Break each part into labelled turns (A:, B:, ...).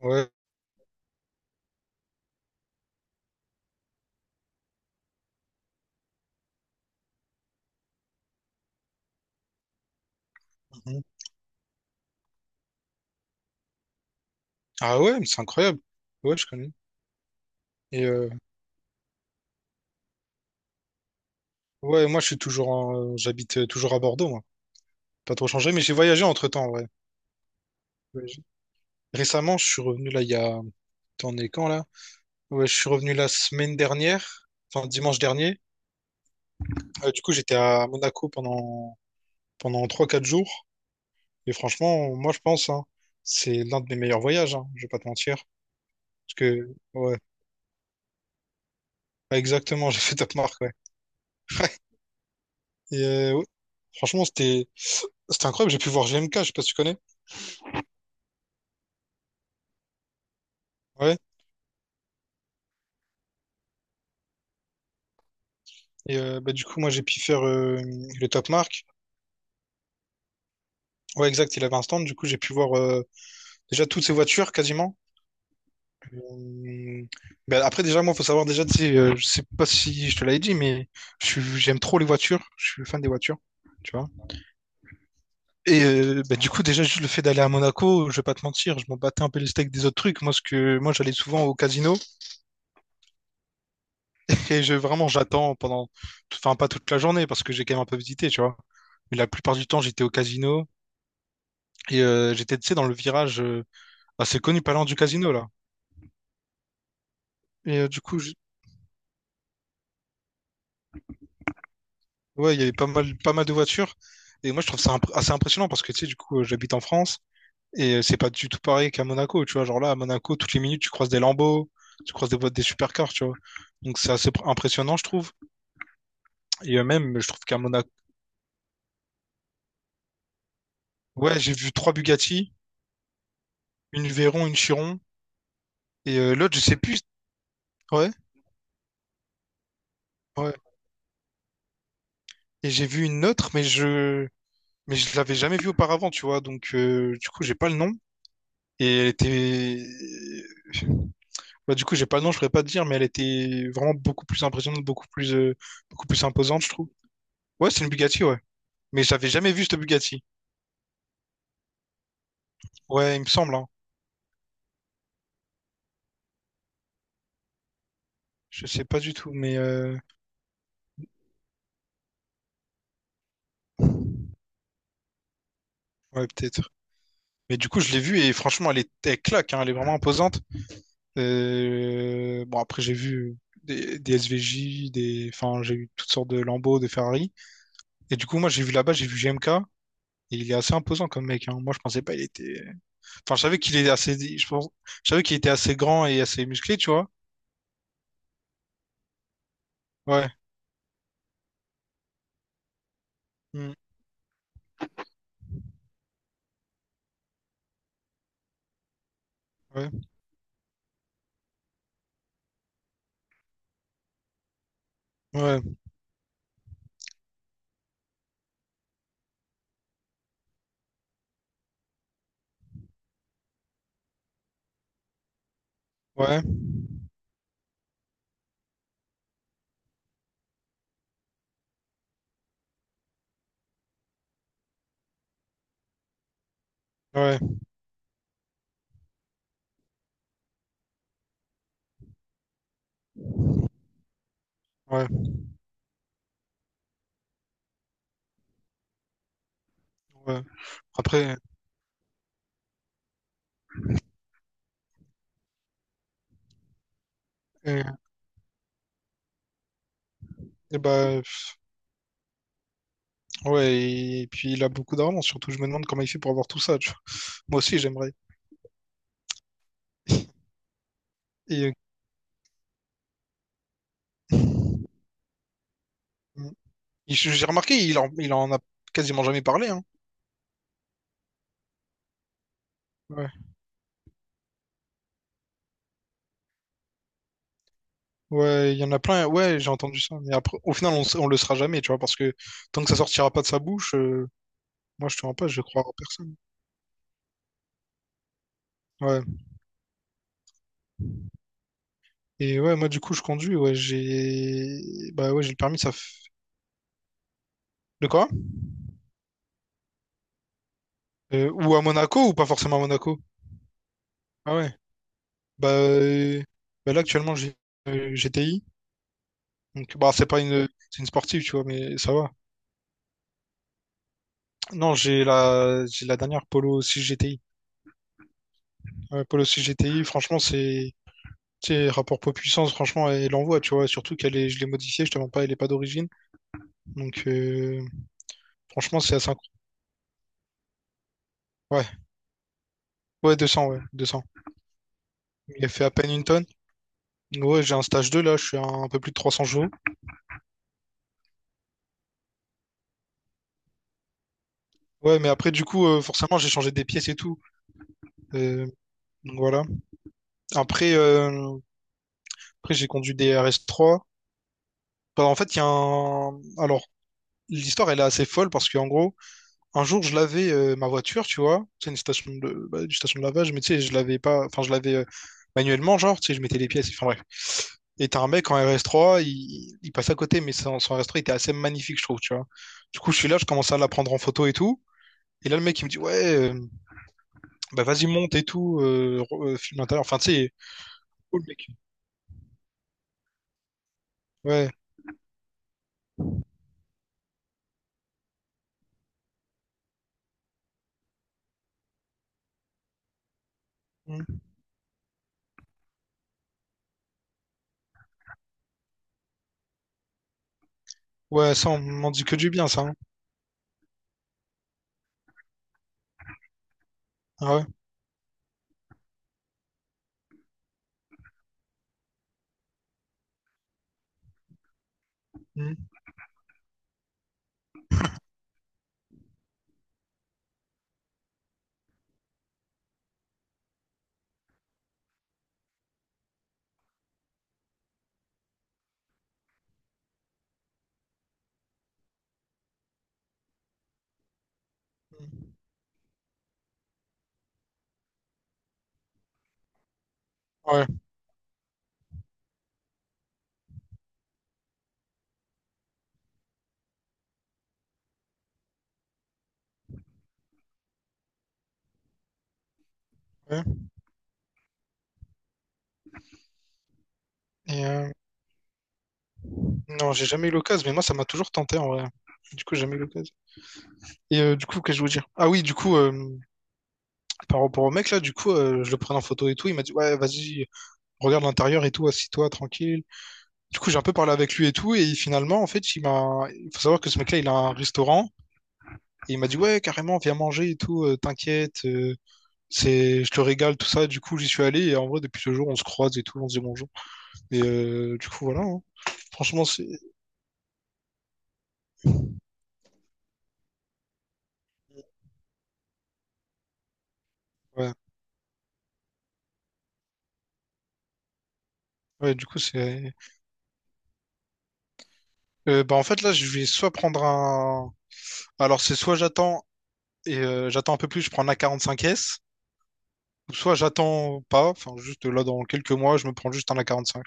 A: Ouais, mhm. Ah ouais, mais c'est incroyable. Ouais, je connais. Et ouais, moi je suis toujours j'habite toujours à Bordeaux, moi. Pas trop changé, mais j'ai voyagé entre-temps, ouais. Voyagé. Récemment, je suis revenu là, il y a. T'en es quand, là? Ouais, je suis revenu la semaine dernière, enfin dimanche dernier. Du coup, j'étais à Monaco pendant trois quatre jours. Et franchement, moi, je pense, hein, c'est l'un de mes meilleurs voyages, hein, je vais pas te mentir. Parce que, ouais, exactement, j'ai fait top marque, ouais. Et ouais, franchement, c'était incroyable. J'ai pu voir G M K. Je sais pas si tu connais. Ouais. Et bah, du coup, moi, j'ai pu faire le top marque. Ouais, exact, il avait un stand. Du coup, j'ai pu voir déjà, toutes ces voitures, quasiment. Hum, ben après, déjà, moi, faut savoir, déjà, tu sais, je sais pas si je te l'avais dit, mais j'aime trop les voitures. Je suis fan des voitures, tu vois. Et ben, du coup, déjà, juste le fait d'aller à Monaco, je vais pas te mentir, je m'en battais un peu les steaks des autres trucs. Moi, ce que, moi, j'allais souvent au casino et je, vraiment, j'attends pendant, enfin, pas toute la journée parce que j'ai quand même un peu visité, tu vois. Mais la plupart du temps, j'étais au casino et j'étais, tu sais, dans le virage assez connu, parlant du casino, là. Et du coup, ouais, il y avait pas mal, pas mal de voitures. Et moi, je trouve ça assez impressionnant parce que, tu sais, du coup, j'habite en France et c'est pas du tout pareil qu'à Monaco, tu vois. Genre là, à Monaco, toutes les minutes, tu croises des Lambo, tu croises des boîtes des supercars, tu vois. Donc, c'est assez impressionnant, je trouve. Et même, je trouve qu'à Monaco, ouais, j'ai vu trois Bugatti, une Veyron, une Chiron et l'autre, je sais plus. Ouais, ouais. Et j'ai vu une autre, mais je l'avais jamais vue auparavant, tu vois. Donc, du coup, j'ai pas le nom. Et elle était, euh, bah, du coup, j'ai pas le nom, je pourrais pas te dire, mais elle était vraiment beaucoup plus impressionnante, beaucoup plus imposante, je trouve. Ouais, c'est une Bugatti, ouais. Mais j'avais jamais vu cette Bugatti. Ouais, il me semble, hein. Je sais pas du tout, mais ouais, peut-être. Mais du coup, je l'ai vue et franchement, elle claque, hein, elle est vraiment imposante. Bon, après, j'ai vu des SVJ, des, enfin, j'ai vu toutes sortes de Lambo, de Ferrari. Et du coup, moi, j'ai vu là-bas, j'ai vu GMK. Et il est assez imposant comme mec, hein. Moi, je pensais pas, il était. Enfin, je savais qu'il est assez, je pense, je savais qu'il était assez grand et assez musclé, tu vois. Ouais, mm, ouais, ouais, ouais, ouais, ouais, ouais. Après, euh, eh ben, ouais, et puis il a beaucoup d'argent, surtout je me demande comment il fait pour avoir tout ça, tu vois. Moi aussi j'aimerais. Et, euh, mm, j'ai remarqué, il en a quasiment jamais parlé, hein. Ouais, ouais, il y en a plein, ouais, j'ai entendu ça, mais après, au final, on le sera jamais, tu vois, parce que tant que ça sortira pas de sa bouche, moi je te rends pas, je crois en personne. Ouais, et ouais, moi du coup, je conduis, ouais, j'ai, bah ouais, j'ai le permis, ça. De quoi? Ou à Monaco ou pas forcément à Monaco? Ah ouais. Bah, là actuellement j'ai GTI. Donc bah c'est pas une c'est une sportive tu vois mais ça va. Non, j'ai la dernière Polo 6 GTI. Ouais, Polo 6 GTI, franchement c'est tu sais, rapport poids-puissance, franchement, elle envoie, tu vois. Surtout qu'elle est, je l'ai modifiée, je te mens pas, elle est pas d'origine. Donc, franchement, c'est assez incroyable. Ouais, ouais, 200 ouais, deux cents. Il a fait à peine une tonne. Ouais, j'ai un stage 2 là, je suis à un peu plus de 300 jours. Ouais, mais après, du coup, forcément, j'ai changé des pièces et tout. Euh, donc voilà. Après, euh, après, j'ai conduit des RS3. Bah, en fait, il y a un. Alors, l'histoire, elle est assez folle parce qu'en gros, un jour, je lavais ma voiture, tu vois. C'est une station de. Bah, une station de lavage, mais tu sais, je l'avais pas. Enfin, je l'avais manuellement, genre, tu sais, je mettais les pièces. Enfin, bref. Et t'as un mec en RS3, il passe à côté, mais son RS3 était assez magnifique, je trouve, tu vois. Du coup, je suis là, je commence à la prendre en photo et tout. Et là, le mec, il me dit, ouais, bah vas-y, monte et tout, filme l'intérieur. Enfin, tu sais, cool, mec. Ouais. Mm. Ouais, ça, on m'en dit que du bien, ça, hein. Ah ouais. Mhm. Ouais, ouais. Et, non, j'ai jamais eu l'occasion, mais moi, ça m'a toujours tenté en vrai. Du coup, j'ai jamais eu l'occasion. Et du coup, qu'est-ce que je voulais dire? Ah oui, du coup, par rapport au mec, là, du coup, je le prenais en photo et tout. Il m'a dit, ouais, vas-y, regarde l'intérieur et tout, assis-toi, tranquille. Du coup, j'ai un peu parlé avec lui et tout. Et finalement, en fait, il m'a. Il faut savoir que ce mec-là, il a un restaurant. Et il m'a dit, ouais, carrément, viens manger et tout, t'inquiète. Je te régale, tout ça. Du coup, j'y suis allé. Et en vrai, depuis ce jour, on se croise et tout, on se dit bonjour. Et du coup, voilà, hein. Franchement, c'est. Ouais. Ouais, du coup, c'est. Bah, en fait, là, je vais soit prendre un. Alors, c'est soit j'attends et j'attends un peu plus, je prends un A45S, ou soit j'attends pas, enfin, juste là, dans quelques mois, je me prends juste un A45.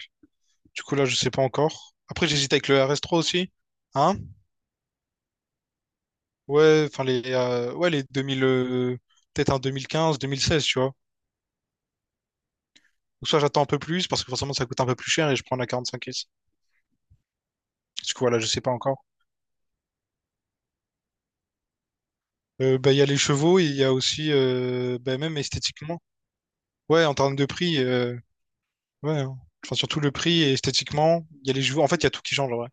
A: Du coup, là, je sais pas encore. Après, j'hésite avec le RS3 aussi. Hein? Ouais, enfin, les 2000, peut-être un 2015, 2016, tu vois. Ou soit j'attends un peu plus, parce que forcément, ça coûte un peu plus cher et je prends un A45S. Du coup, voilà, je sais pas encore. Bah, il y a les chevaux et il y a aussi, bah, même esthétiquement. Ouais, en termes de prix. Ouais, hein. Enfin, surtout le prix et esthétiquement, il y a les joueurs. En fait, il y a tout qui change, en vrai.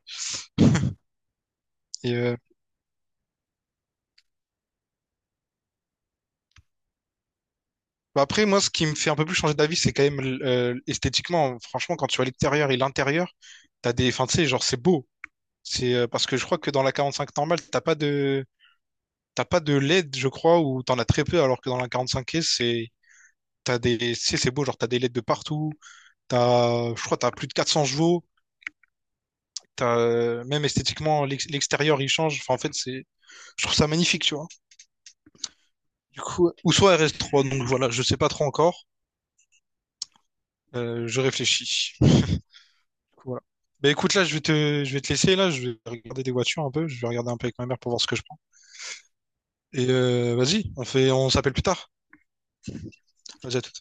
A: Et bah après, moi, ce qui me fait un peu plus changer d'avis, c'est quand même esthétiquement. Franchement, quand tu vois l'extérieur et l'intérieur, t'as des. Enfin, tu sais, genre, c'est beau. C'est parce que je crois que dans la 45 normale, t'as pas de. T'as pas de LED, je crois, ou t'en as très peu, alors que dans la 45S, c'est. T'as des. Tu sais, c'est beau, genre, t'as des LED de partout. T'as. Je crois, t'as plus de 400 chevaux. T'as. Même esthétiquement, l'extérieur, il change. Enfin, en fait, c'est. Je trouve ça magnifique, tu vois. Du coup, ou soit RS3, donc voilà, je sais pas trop encore. Je réfléchis. Du coup, voilà. Bah écoute, là, je vais te laisser, là, je vais regarder des voitures un peu, je vais regarder un peu avec ma mère pour voir ce que je prends. Et vas-y, on fait, on s'appelle plus tard. Vas-y, à tout.